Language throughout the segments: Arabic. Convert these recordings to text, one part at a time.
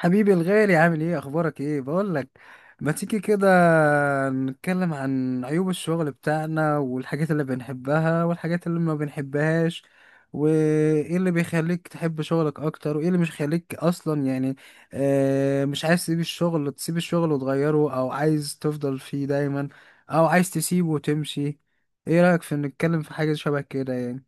حبيبي الغالي، عامل ايه؟ اخبارك ايه؟ بقول لك، ما تيجي كده نتكلم عن عيوب الشغل بتاعنا والحاجات اللي بنحبها والحاجات اللي ما بنحبهاش، وايه اللي بيخليك تحب شغلك اكتر وايه اللي مش خليك اصلا، يعني مش عايز تسيب الشغل؟ تسيب الشغل وتغيره او عايز تفضل فيه دايما او عايز تسيبه وتمشي؟ ايه رأيك في نتكلم في حاجة شبه كده يعني؟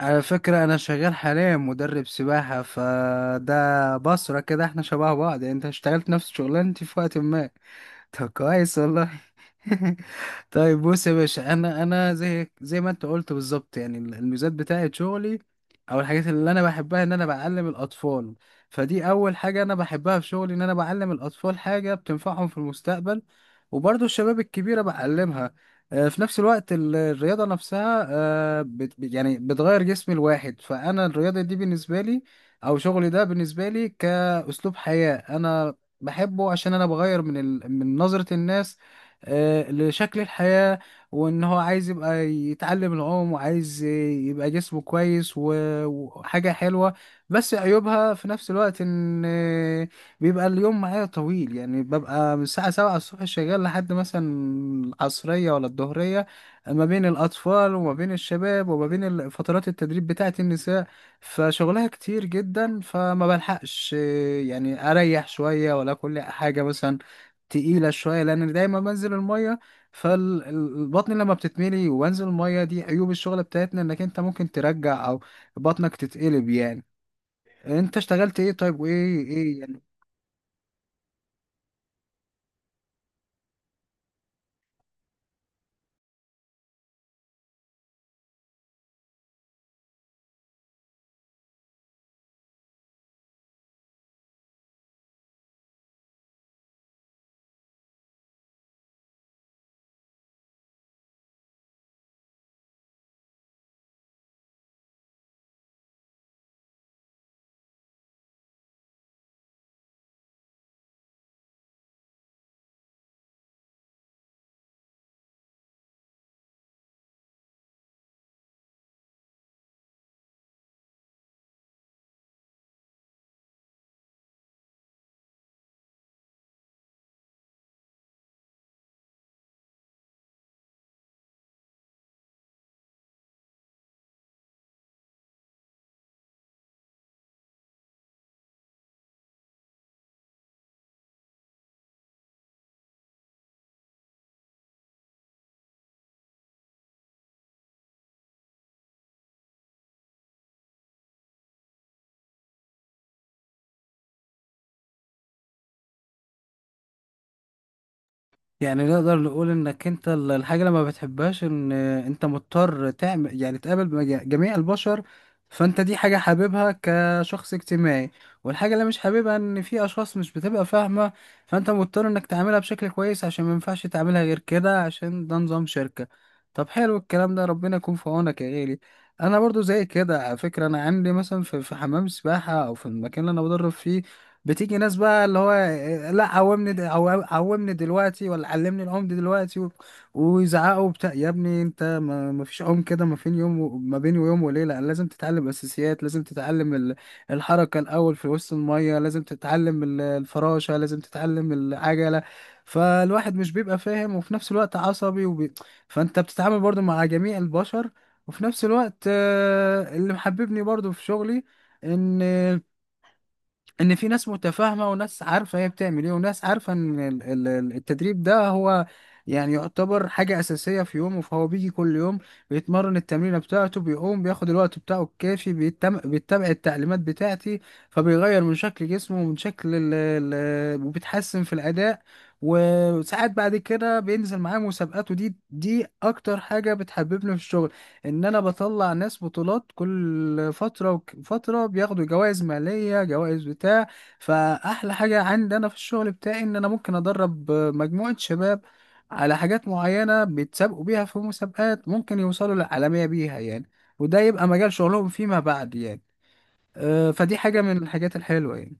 على فكرة أنا شغال حاليا مدرب سباحة، فده بصرة كده احنا شبه بعض، يعني انت اشتغلت نفس شغلانتي في وقت ما. طب كويس والله. طيب بص يا باشا، انا زي ما انت قلت بالظبط، يعني الميزات بتاعت شغلي او الحاجات اللي انا بحبها ان انا بعلم الاطفال. فدي اول حاجه انا بحبها في شغلي، ان انا بعلم الاطفال حاجه بتنفعهم في المستقبل. وبرضه الشباب الكبيره بعلمها. في نفس الوقت الرياضه نفسها، يعني بتغير جسم الواحد. فانا الرياضه دي بالنسبه لي او شغلي ده بالنسبه لي كاسلوب حياه، انا بحبه عشان انا بغير من من نظرة الناس، لشكل الحياة. وان هو عايز يبقى يتعلم العوم وعايز يبقى جسمه كويس وحاجة حلوة. بس عيوبها في نفس الوقت ان بيبقى اليوم معايا طويل، يعني ببقى من الساعة سبعة الصبح شغال لحد مثلا العصرية ولا الظهرية، ما بين الأطفال وما بين الشباب وما بين فترات التدريب بتاعة النساء. فشغلها كتير جدا، فما بلحقش يعني اريح شويه ولا كل حاجه. مثلا تقيله شويه لان دايما بنزل الميه، فالبطن لما بتتملي وانزل الميه، دي عيوب الشغل بتاعتنا، انك انت ممكن ترجع او بطنك تتقلب يعني. انت اشتغلت ايه طيب؟ وايه ايه يعني؟ يعني نقدر نقول انك انت الحاجة اللي ما بتحبهاش ان انت مضطر تعمل، يعني تقابل جميع البشر. فانت دي حاجة حاببها كشخص اجتماعي، والحاجة اللي مش حاببها ان في اشخاص مش بتبقى فاهمة، فانت مضطر انك تعملها بشكل كويس عشان ما ينفعش تعملها غير كده، عشان ده نظام شركة. طب حلو الكلام ده، ربنا يكون في عونك يا غالي. انا برضو زي كده على فكرة. انا عندي مثلا في حمام سباحة او في المكان اللي انا بدرب فيه، بتيجي ناس بقى اللي هو إيه، لا قومني قومني دلوقتي، ولا علمني العوم دي دلوقتي، ويزعقوا بتاع، يا ابني انت ما فيش عوم كده، ما فين يوم ما بين يوم وليله لازم تتعلم اساسيات، لازم تتعلم الحركه الاول في وسط الميه، لازم تتعلم الفراشه، لازم تتعلم العجله. فالواحد مش بيبقى فاهم وفي نفس الوقت عصبي فانت بتتعامل برضو مع جميع البشر. وفي نفس الوقت اللي محببني برضو في شغلي ان في ناس متفاهمه، وناس عارفه هي بتعمل ايه، وناس عارفه ان التدريب ده هو يعني يعتبر حاجه اساسيه في يومه، فهو بيجي كل يوم بيتمرن التمرينه بتاعته، بيقوم بياخد الوقت بتاعه الكافي، بيتبع التعليمات بتاعتي، فبيغير من شكل جسمه ومن شكل وبيتحسن في الاداء. وساعات بعد كده بينزل معاه مسابقات، ودي اكتر حاجه بتحببني في الشغل، ان انا بطلع ناس بطولات كل فتره فتره بياخدوا جوائز ماليه، جوائز بتاع. فاحلى حاجه عندي انا في الشغل بتاعي ان انا ممكن ادرب مجموعه شباب على حاجات معينه بيتسابقوا بيها في مسابقات، ممكن يوصلوا للعالميه بيها يعني، وده يبقى مجال شغلهم فيما بعد يعني. أه، فدي حاجه من الحاجات الحلوه يعني.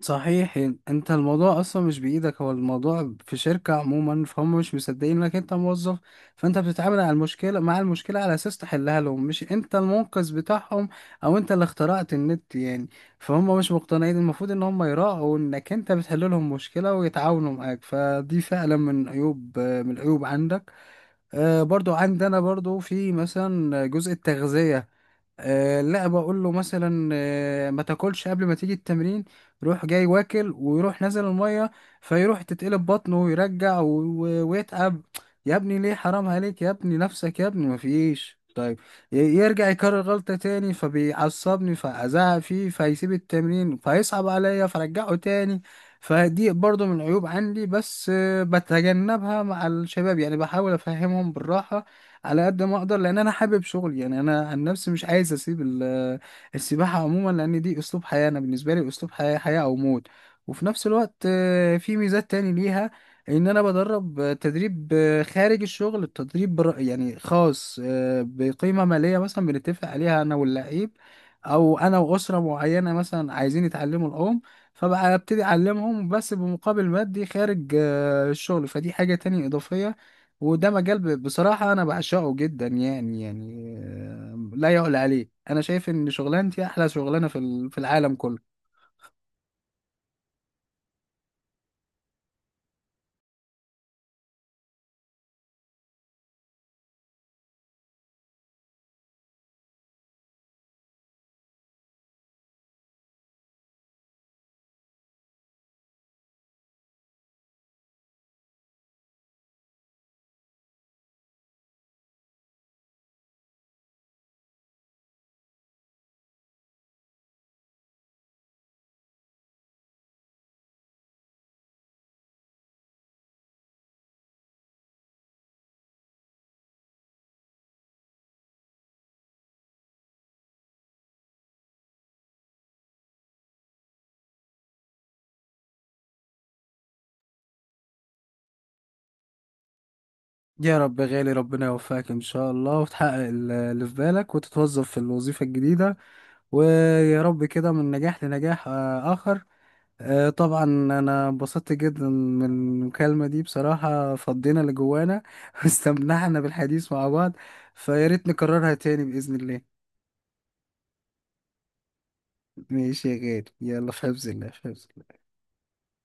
صحيح. انت الموضوع اصلا مش بايدك، هو الموضوع في شركة عموما، فهم مش مصدقين انك انت موظف. فانت بتتعامل على المشكلة، مع المشكلة على اساس تحلها لهم، مش انت المنقذ بتاعهم او انت اللي اخترعت النت يعني. فهم مش مقتنعين. المفروض ان هم يراعوا انك انت بتحل لهم مشكلة ويتعاونوا معاك. فدي فعلا من عيوب، من العيوب عندك. برضو عندنا برضو في مثلا جزء التغذية، لا بقول له مثلا ما تاكلش قبل ما تيجي التمرين، يروح جاي واكل ويروح نازل المية، فيروح تتقلب بطنه ويرجع ويتعب. يا ابني ليه؟ حرام عليك يا ابني، نفسك يا ابني، مفيش. طيب، يرجع يكرر غلطة تاني فبيعصبني، فأزعق فيه فيسيب التمرين، فيصعب عليا فرجعه تاني. فدي برضو من العيوب عندي. بس بتجنبها مع الشباب يعني، بحاول افهمهم بالراحه على قد ما اقدر، لان انا حابب شغلي يعني. انا عن نفسي مش عايز اسيب السباحه عموما، لان دي اسلوب حياه. انا بالنسبه لي اسلوب حياه، حياه او موت. وفي نفس الوقت في ميزات تاني ليها، ان انا بدرب تدريب خارج الشغل، التدريب يعني خاص بقيمه ماليه مثلا بنتفق عليها انا واللعيب، او انا واسره معينه مثلا عايزين يتعلموا العوم، فبقى ابتدي اعلمهم بس بمقابل مادي خارج الشغل. فدي حاجة تانية إضافية، وده مجال بصراحة أنا بعشقه جدا يعني. يعني لا يعلى عليه، أنا شايف إن شغلانتي أحلى شغلانة في في العالم كله. يا رب يا غالي، ربنا يوفقك إن شاء الله وتحقق اللي في بالك وتتوظف في الوظيفة الجديدة، ويا رب كده من نجاح لنجاح آخر. طبعا أنا انبسطت جدا من المكالمة دي بصراحة، فضينا اللي جوانا واستمتعنا بالحديث مع بعض، فيا ريت نكررها تاني بإذن الله. ماشي يا غالي، يلا في حفظ الله، في حفظ